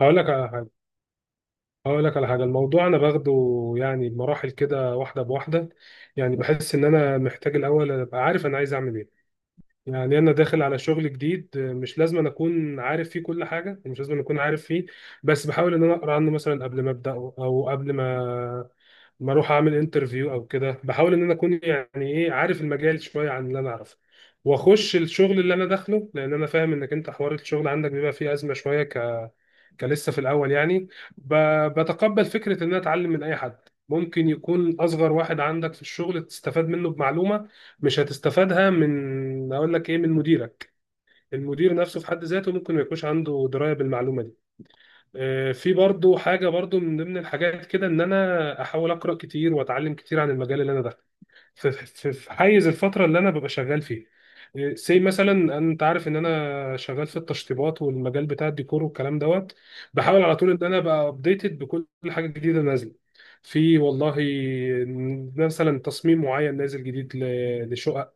هقول لك على حاجة هقول لك على حاجة. الموضوع أنا باخده يعني بمراحل كده، واحدة بواحدة. يعني بحس إن أنا محتاج الأول أبقى عارف أنا عايز أعمل إيه. يعني أنا داخل على شغل جديد، مش لازم أنا أكون عارف فيه كل حاجة، مش لازم أنا أكون عارف فيه، بس بحاول إن أنا أقرأ عنه مثلا قبل ما أبدأه، أو قبل ما أروح أعمل انترفيو أو كده. بحاول إن أنا أكون يعني إيه عارف المجال شوية عن اللي أنا أعرفه، وأخش الشغل اللي أنا داخله، لأن أنا فاهم إنك أنت حوار الشغل عندك بيبقى فيه أزمة شوية، كان لسه في الاول يعني. ب- بتقبل فكره ان انا اتعلم من اي حد، ممكن يكون اصغر واحد عندك في الشغل تستفاد منه بمعلومه مش هتستفادها من، اقول لك ايه، من مديرك. المدير نفسه في حد ذاته ممكن ما يكونش عنده درايه بالمعلومه دي. في برضو حاجه، برضو من ضمن الحاجات كده ان انا احاول اقرا كتير واتعلم كتير عن المجال اللي انا داخله في حيز الفتره اللي انا ببقى شغال فيه. سي مثلا انت عارف ان انا شغال في التشطيبات والمجال بتاع الديكور والكلام دوت. بحاول على طول ان انا ابقى ابديتد بكل حاجه جديده نازله في، والله مثلا تصميم معين نازل جديد لشقق.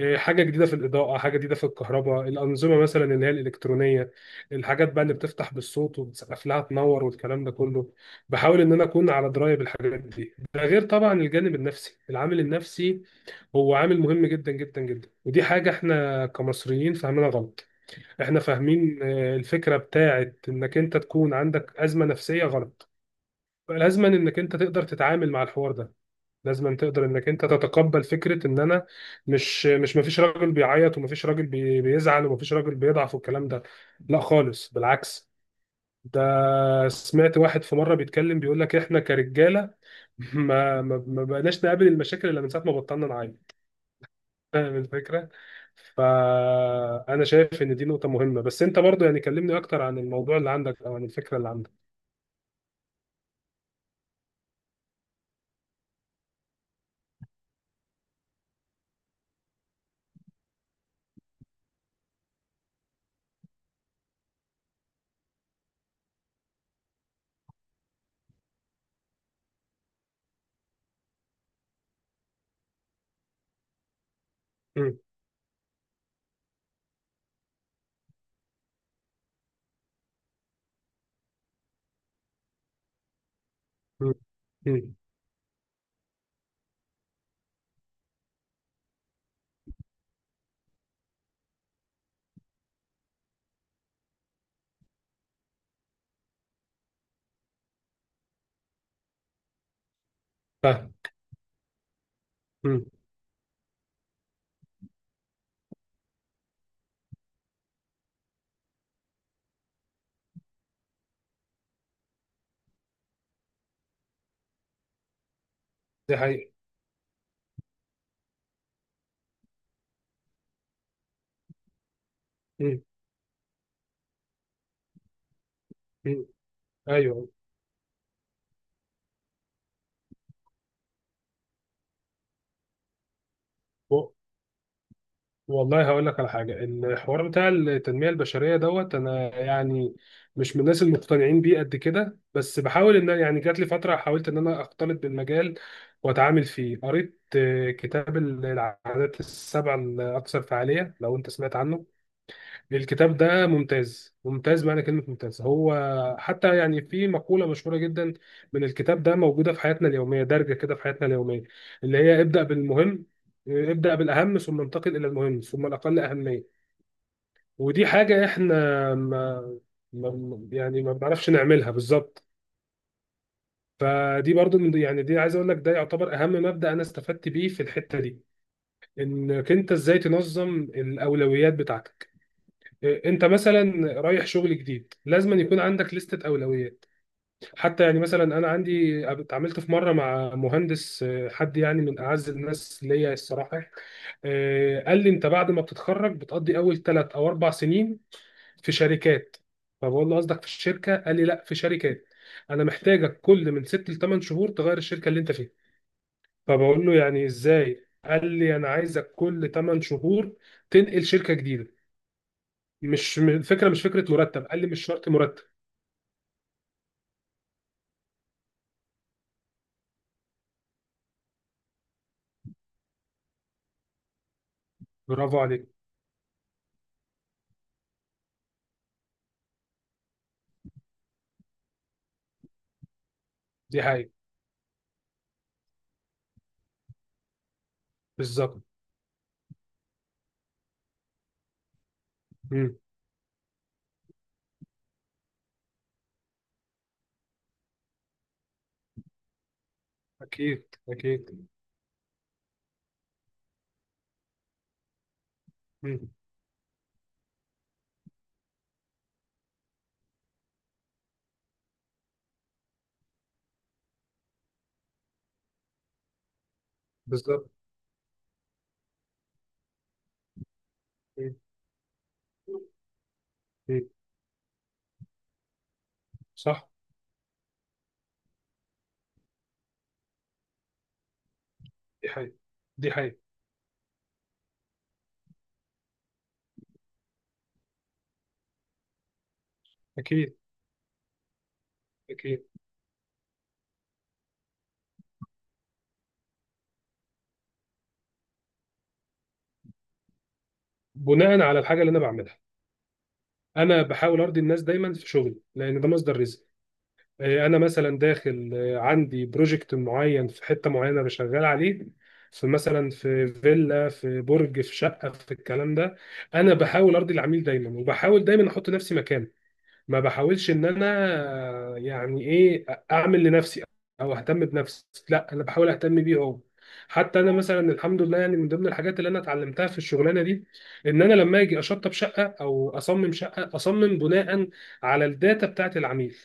حاجه جديده في الاضاءه، حاجه جديده في الكهرباء، الانظمه مثلا اللي هي الالكترونيه، الحاجات بقى اللي بتفتح بالصوت وبتسقف لها تنور والكلام ده كله، بحاول ان انا اكون على درايه بالحاجات دي. ده غير طبعا الجانب النفسي، العامل النفسي هو عامل مهم جدا جدا جدا، ودي حاجة احنا كمصريين فاهمينها غلط. احنا فاهمين الفكرة بتاعت انك انت تكون عندك أزمة نفسية غلط، لازما انك انت تقدر تتعامل مع الحوار ده، لازما تقدر انك انت تتقبل فكرة ان انا مش مش مفيش راجل بيعيط، ومفيش راجل بيزعل، ومفيش راجل بيضعف والكلام ده. لا خالص، بالعكس ده. سمعت واحد في مرة بيتكلم بيقول لك احنا كرجالة ما بقناش نقابل المشاكل الا من ساعة ما بطلنا نعاني. فاهم الفكرة؟ فأنا شايف إن دي نقطة مهمة، بس أنت برضو يعني كلمني أكتر عن الموضوع اللي عندك أو عن الفكرة اللي عندك. مم. مم. مم. فاهم. مم. دي حقيقة. مم. مم. أيوه. والله هقول لك على حاجة، الحوار بتاع التنمية البشرية دوت، أنا يعني مش من الناس المقتنعين بيه قد كده، بس بحاول إن يعني جات لي فترة حاولت إن أنا أختلط بالمجال وأتعامل فيه. قريت كتاب العادات السبع الأكثر فعالية، لو أنت سمعت عنه. الكتاب ده ممتاز ممتاز، معنى كلمة ممتاز هو، حتى يعني في مقولة مشهورة جدا من الكتاب ده موجودة في حياتنا اليومية، دارجة كده في حياتنا اليومية، اللي هي ابدأ بالمهم، ابدأ بالأهم ثم انتقل إلى المهم ثم الأقل أهمية. ودي حاجة احنا ما يعني ما بنعرفش نعملها بالظبط. فدي برضو يعني دي عايز اقول لك ده يعتبر اهم مبدأ انا استفدت بيه في الحتة دي، انك انت ازاي تنظم الاولويات بتاعتك. انت مثلا رايح شغل جديد لازم يكون عندك لستة اولويات. حتى يعني مثلا انا عندي، اتعاملت في مره مع مهندس حد يعني من اعز الناس ليا الصراحه. قال لي انت بعد ما بتتخرج بتقضي اول ثلاث او اربع سنين في شركات. فبقول له قصدك في الشركه، قال لي لا في شركات، انا محتاجك كل من ست لثمان شهور تغير الشركه اللي انت فيها. فبقول له يعني ازاي، قال لي انا عايزك كل ثمان شهور تنقل شركه جديده. مش م- الفكره مش فكره مرتب، قال لي مش شرط مرتب. برافو عليك. دي حقيقة. بالظبط. مم. اكيد اكيد. مم. بالظبط. مم. مم. صح. دي حقيقة. دي حقيقة. اكيد اكيد. بناء على الحاجه اللي انا بعملها، انا بحاول ارضي الناس دايما في شغلي لان ده مصدر رزق. انا مثلا داخل، عندي بروجكت معين في حته معينه بشغال عليه، في مثلا في فيلا، في برج، في شقه، في الكلام ده. انا بحاول ارضي العميل دايما، وبحاول دايما احط نفسي مكانه، ما بحاولش ان انا يعني ايه اعمل لنفسي او اهتم بنفسي، لا انا بحاول اهتم بيه هو. حتى انا مثلا الحمد لله يعني، من ضمن الحاجات اللي انا اتعلمتها في الشغلانه دي ان انا لما اجي اشطب شقه او اصمم شقه اصمم بناء على الداتا بتاعت العميل.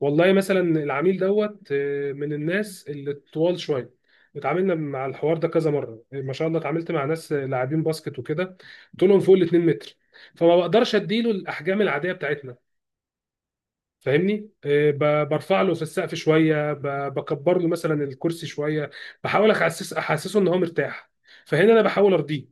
والله مثلا العميل دوت، من الناس اللي طوال شويه، اتعاملنا مع الحوار ده كذا مره، ما شاء الله اتعاملت مع ناس لاعبين باسكت وكده، طولهم فوق ال 2 متر، فما بقدرش اديله الاحجام العاديه بتاعتنا. فاهمني، برفع له في السقف شويه، بكبر له مثلا الكرسي شويه، بحاول احسس احسسه ان هو مرتاح. فهنا انا بحاول ارضيه.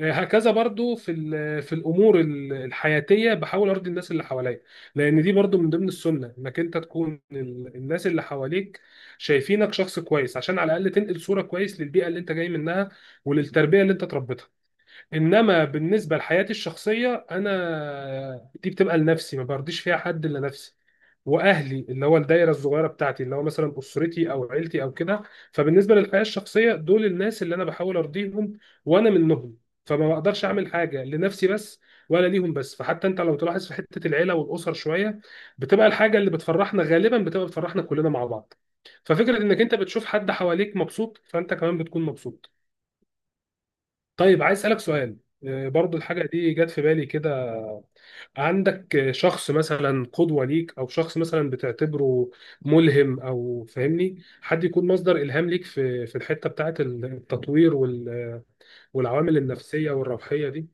هكذا برضو في في الامور الحياتيه بحاول ارضي الناس اللي حواليا، لان دي برضو من ضمن السنه انك انت تكون الناس اللي حواليك شايفينك شخص كويس، عشان على الاقل تنقل صوره كويس للبيئه اللي انت جاي منها وللتربيه اللي انت تربيتها. انما بالنسبه لحياتي الشخصيه انا، دي بتبقى لنفسي، ما برضيش فيها حد الا نفسي واهلي، اللي هو الدايره الصغيره بتاعتي، اللي هو مثلا اسرتي او عيلتي او كده. فبالنسبه للحياه الشخصيه دول الناس اللي انا بحاول ارضيهم، وانا منهم، فما بقدرش اعمل حاجه لنفسي بس ولا ليهم بس. فحتى انت لو تلاحظ في حته العيله والاسر شويه، بتبقى الحاجه اللي بتفرحنا غالبا بتبقى بتفرحنا كلنا مع بعض. ففكره انك انت بتشوف حد حواليك مبسوط فانت كمان بتكون مبسوط. طيب عايز اسالك سؤال، برضو الحاجه دي جت في بالي كده، عندك شخص مثلا قدوة ليك أو شخص مثلا بتعتبره ملهم، أو فاهمني حد يكون مصدر إلهام ليك في الحتة بتاعة التطوير والعوامل النفسية والروحية دي؟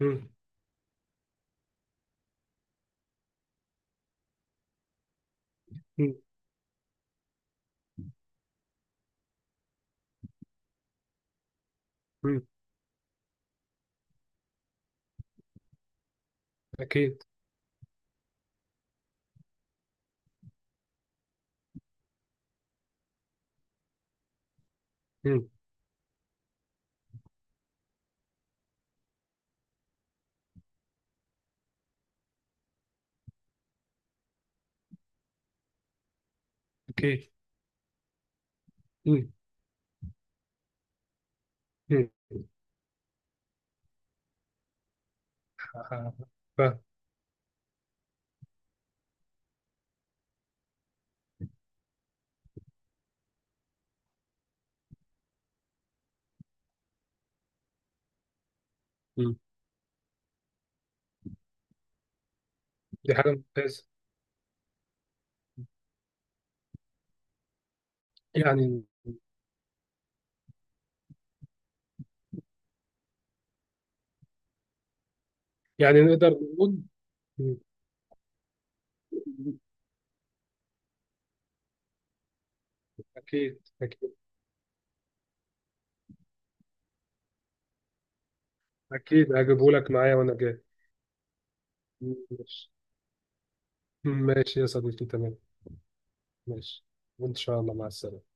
مم. مم. مم. أكيد. مم. أكيد. مم. مم. ح- فاهم. مم. دي حاجة ممتازة. يعني يعني نقدر نقول. مم. أكيد أكيد. أكيد هجيبهولك معايا وأنا جاي. ماشي. ماشي يا صديقي، تمام. ماشي. وإن شاء الله مع السلامة.